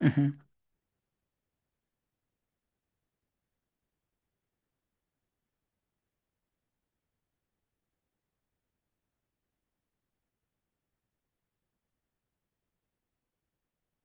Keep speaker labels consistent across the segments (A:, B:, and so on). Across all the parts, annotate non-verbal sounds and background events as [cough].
A: Ujú,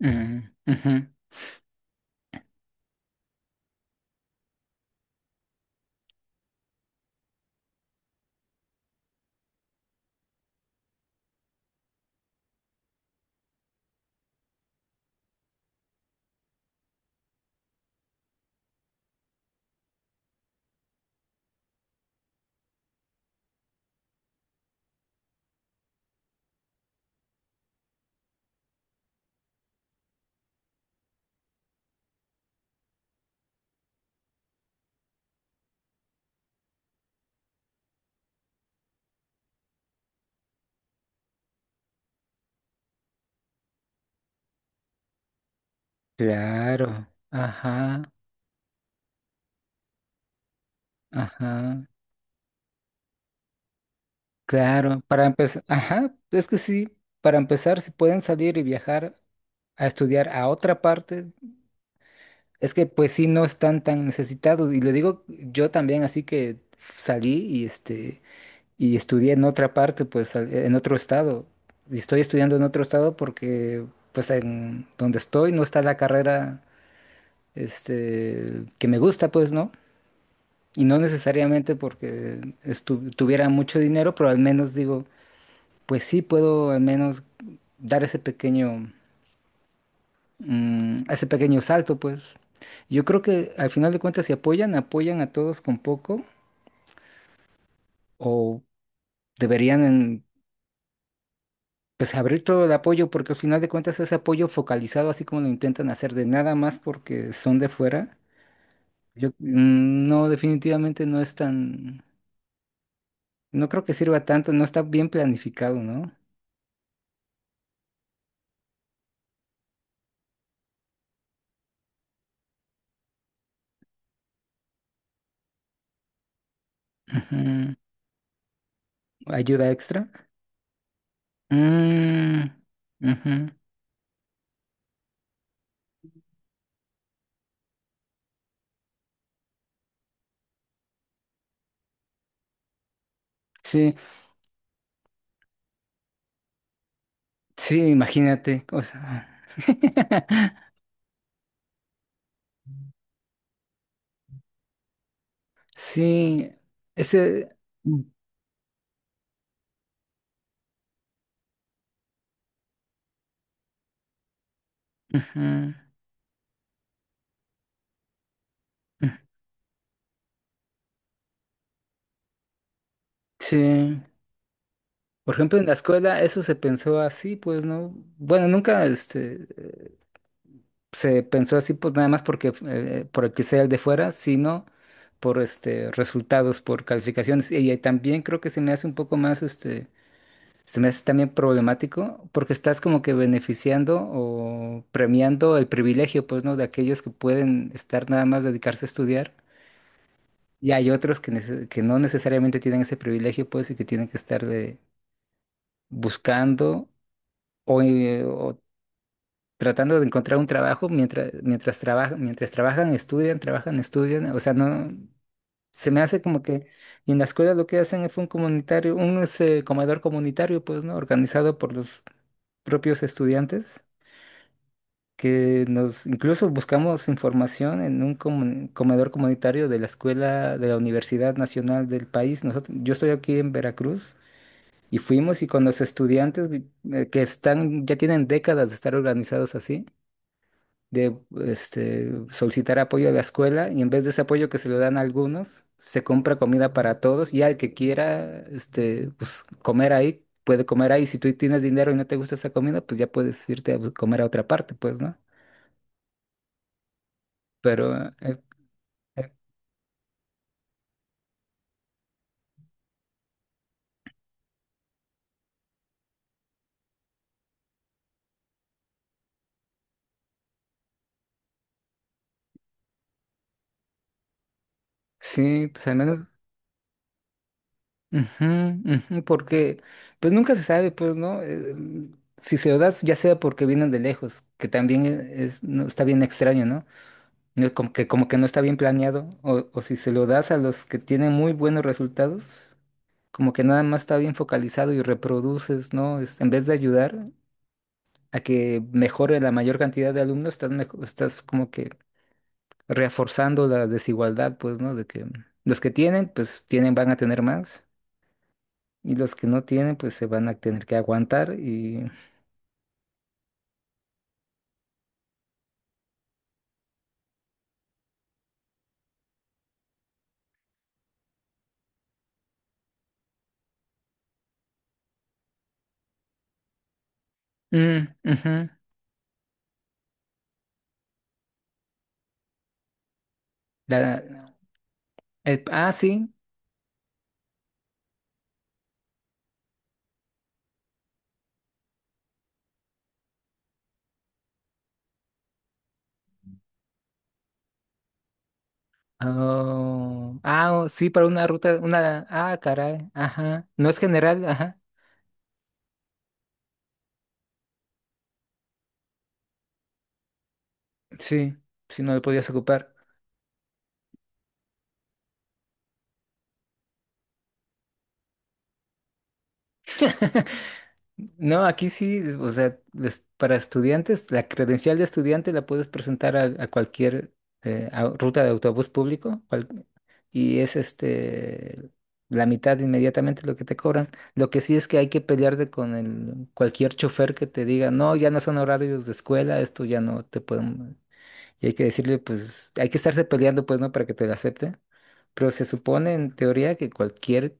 A: ujú, ujú. Claro, ajá, ajá, claro, para empezar, ajá, es que sí, para empezar, si pueden salir y viajar a estudiar a otra parte, es que pues sí no están tan necesitados, y le digo yo también, así que salí y estudié en otra parte, pues en otro estado, y estoy estudiando en otro estado porque pues en donde estoy no está la carrera, que me gusta, pues, ¿no? Y no necesariamente porque tuviera mucho dinero, pero al menos digo, pues sí puedo al menos dar ese pequeño salto, pues. Yo creo que al final de cuentas, si apoyan, apoyan a todos con poco, o deberían en- pues abrir todo el apoyo, porque al final de cuentas ese apoyo focalizado, así como lo intentan hacer de nada más porque son de fuera, yo no, definitivamente no es tan, no creo que sirva tanto, no está bien planificado, ¿no? Ujú. ¿Ayuda extra? Mm, ujú. Sí, sí, imagínate. O sea, [laughs] sí, ese... ujú, ujú. Mm, sí. Por ejemplo, en la escuela eso se pensó así, pues, ¿no? Bueno, nunca se pensó así pues, nada más porque por el que sea el de fuera, sino por este resultados, por calificaciones. Y, también creo que se me hace un poco más este Se me hace también problemático porque estás como que beneficiando o premiando el privilegio, pues, ¿no? De aquellos que pueden estar nada más dedicarse a estudiar y hay otros que, que no necesariamente tienen ese privilegio, pues, y que tienen que estar buscando o tratando de encontrar un trabajo mientras trabajan, estudian, trabajan, estudian. O sea, no, se me hace como que y en la escuela lo que hacen es un comunitario, un ese, comedor comunitario, pues, ¿no? Organizado por los propios estudiantes que nos incluso buscamos información en un comedor comunitario de la escuela de la Universidad Nacional del país. Nosotros, yo estoy aquí en Veracruz y fuimos y con los estudiantes que están, ya tienen décadas de estar organizados así, de solicitar apoyo a la escuela y en vez de ese apoyo que se lo dan a algunos, se compra comida para todos y al que quiera pues, comer ahí. Puede comer ahí, si tú tienes dinero y no te gusta esa comida, pues ya puedes irte a comer a otra parte, pues, ¿no? Pero eh, Eh, Sí, pues al menos, ujú, ujú, porque pues nunca se sabe, pues, ¿no? Si se lo das, ya sea porque vienen de lejos, que también es, no, está bien extraño, ¿no? No, Como que no está bien planeado, o si se lo das a los que tienen muy buenos resultados, como que nada más está bien focalizado y reproduces, ¿no? En vez de ayudar a que mejore la mayor cantidad de alumnos, estás como que reforzando la desigualdad, pues, ¿no? De que los que tienen, pues tienen, van a tener más. Y los que no tienen, pues se van a tener que aguantar y... Mm, ujú. La- ah, sí. Oh, ah, oh, sí, para una ruta, Ah, caray, ajá. No es general, ajá. Sí, si no lo podías ocupar. [laughs] No, aquí sí, o sea, para estudiantes, la credencial de estudiante la puedes presentar a cualquier ruta de autobús público y es la mitad inmediatamente lo que te cobran. Lo que sí es que hay que pelearte con cualquier chofer que te diga, no, ya no son horarios de escuela, esto ya no te pueden. Y hay que decirle, pues, hay que estarse peleando, pues, ¿no? Para que te la acepten. Pero se supone, en teoría, que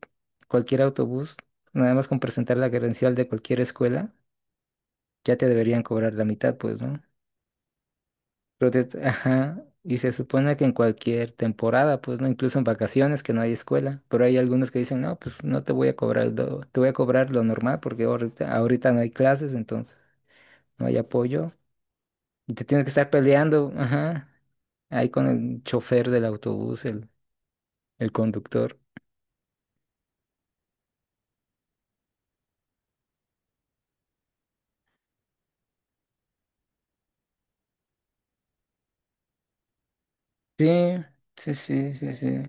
A: cualquier autobús, nada más con presentar la credencial de cualquier escuela, ya te deberían cobrar la mitad, pues, ¿no? Pero [laughs] ajá, y se supone que en cualquier temporada, pues, ¿no? Incluso en vacaciones que no hay escuela. Pero hay algunos que dicen, no, pues, no te voy a cobrar, te voy a cobrar lo normal porque ahorita, ahorita no hay clases, entonces no hay apoyo. Y te tienes que estar peleando, ajá, ahí con el chofer del autobús, el conductor. Sí, sí, sí, sí, sí.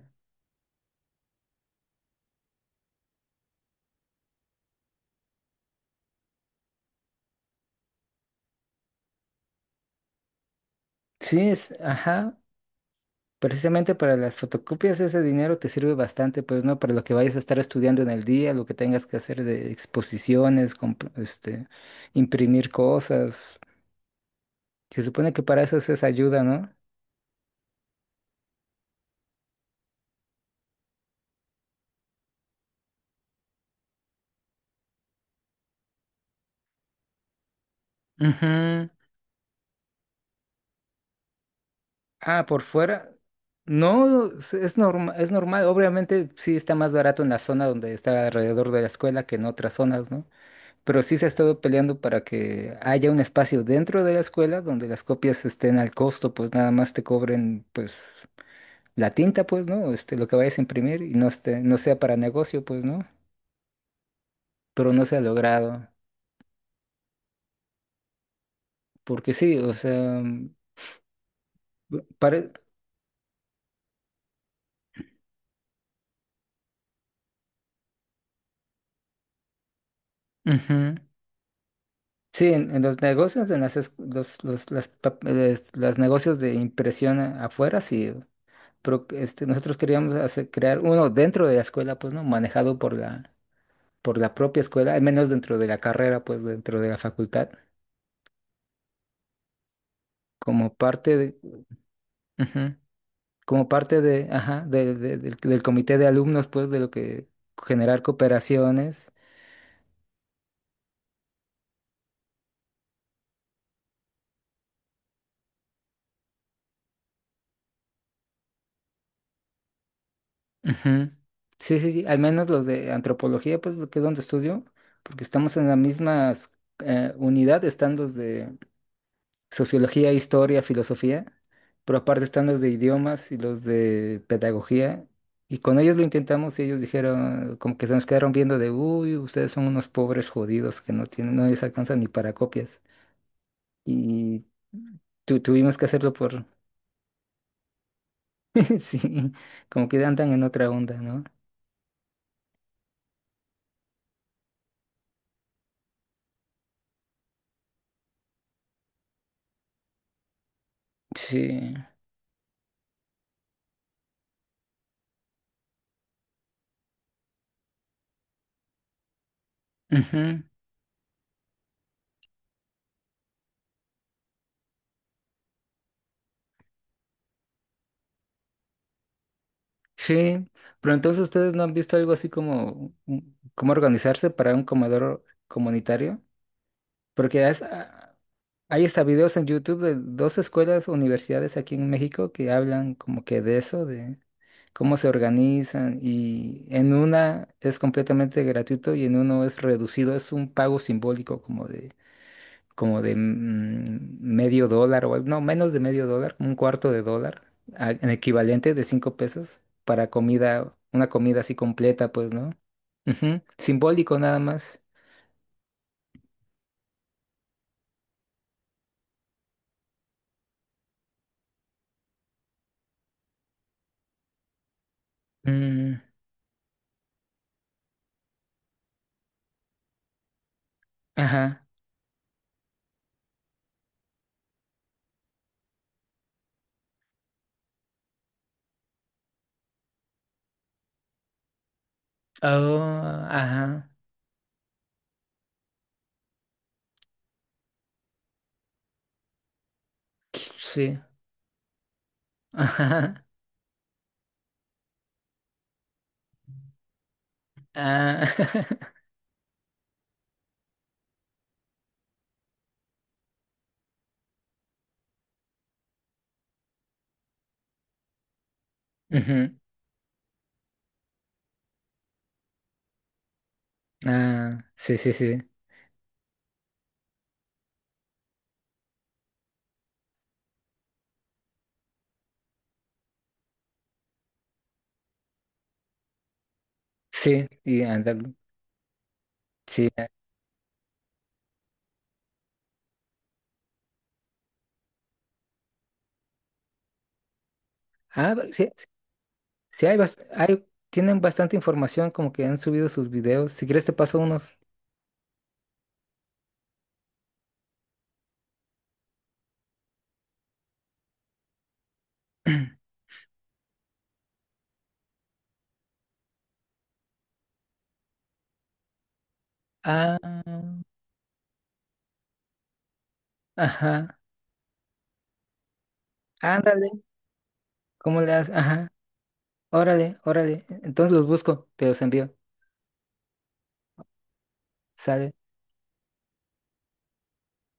A: Sí, ajá. Precisamente para las fotocopias ese dinero te sirve bastante, pues, ¿no? Para lo que vayas a estar estudiando en el día, lo que tengas que hacer de exposiciones, imprimir cosas. Se supone que para eso es esa ayuda, ¿no? Ujú. Ah, por fuera. No, es normal. Obviamente sí está más barato en la zona donde está alrededor de la escuela que en otras zonas, ¿no? Pero sí se ha estado peleando para que haya un espacio dentro de la escuela donde las copias estén al costo, pues nada más te cobren pues la tinta, pues, ¿no? Lo que vayas a imprimir y no esté, no sea para negocio, pues, ¿no? Pero no se ha logrado, porque sí, o sea, para Sí, en los negocios, en las, es- los- las, pa- les- las negocios de impresión afuera, sí, pero nosotros queríamos crear uno dentro de la escuela, pues, ¿no? Manejado por la propia escuela, al menos dentro de la carrera, pues dentro de la facultad, como parte de, ujú, como parte de, ajá, del comité de alumnos, pues de lo que generar cooperaciones. Ujú. Sí, sí, sí, al menos los de antropología, pues que es donde estudio, porque estamos en la misma unidad, están los de sociología, historia, filosofía, pero aparte están los de idiomas y los de pedagogía. Y con ellos lo intentamos y ellos dijeron, como que se nos quedaron viendo de, uy, ustedes son unos pobres jodidos que no tienen, no les alcanzan ni para copias. Y tuvimos que hacerlo por, [laughs] sí, como que andan en otra onda, ¿no? Sí. Ujú, sí, pero entonces ustedes no han visto algo así como cómo organizarse para un comedor comunitario. Porque hay hasta videos en YouTube de dos escuelas, universidades aquí en México que hablan como que de eso, de cómo se organizan y en una es completamente gratuito y en uno es reducido, es un pago simbólico como de, medio dólar o no, menos de medio dólar, como un cuarto de dólar, en equivalente de 5 pesos para comida, una comida así completa, pues, ¿no? Ujú, simbólico nada más. Mm, ajá. Oh, ajá. Sí. Ajá. Ah. [laughs] Ujú, ah, sí, sí, sí. Sí, y anda. Sí. Ah, pero sí, sí, sí hay, tienen bastante información como que han subido sus videos. Si quieres te paso unos. Ah, ajá. Ándale. ¿Cómo le haces? Ajá. Órale, órale. Entonces los busco, te los envío. Sale.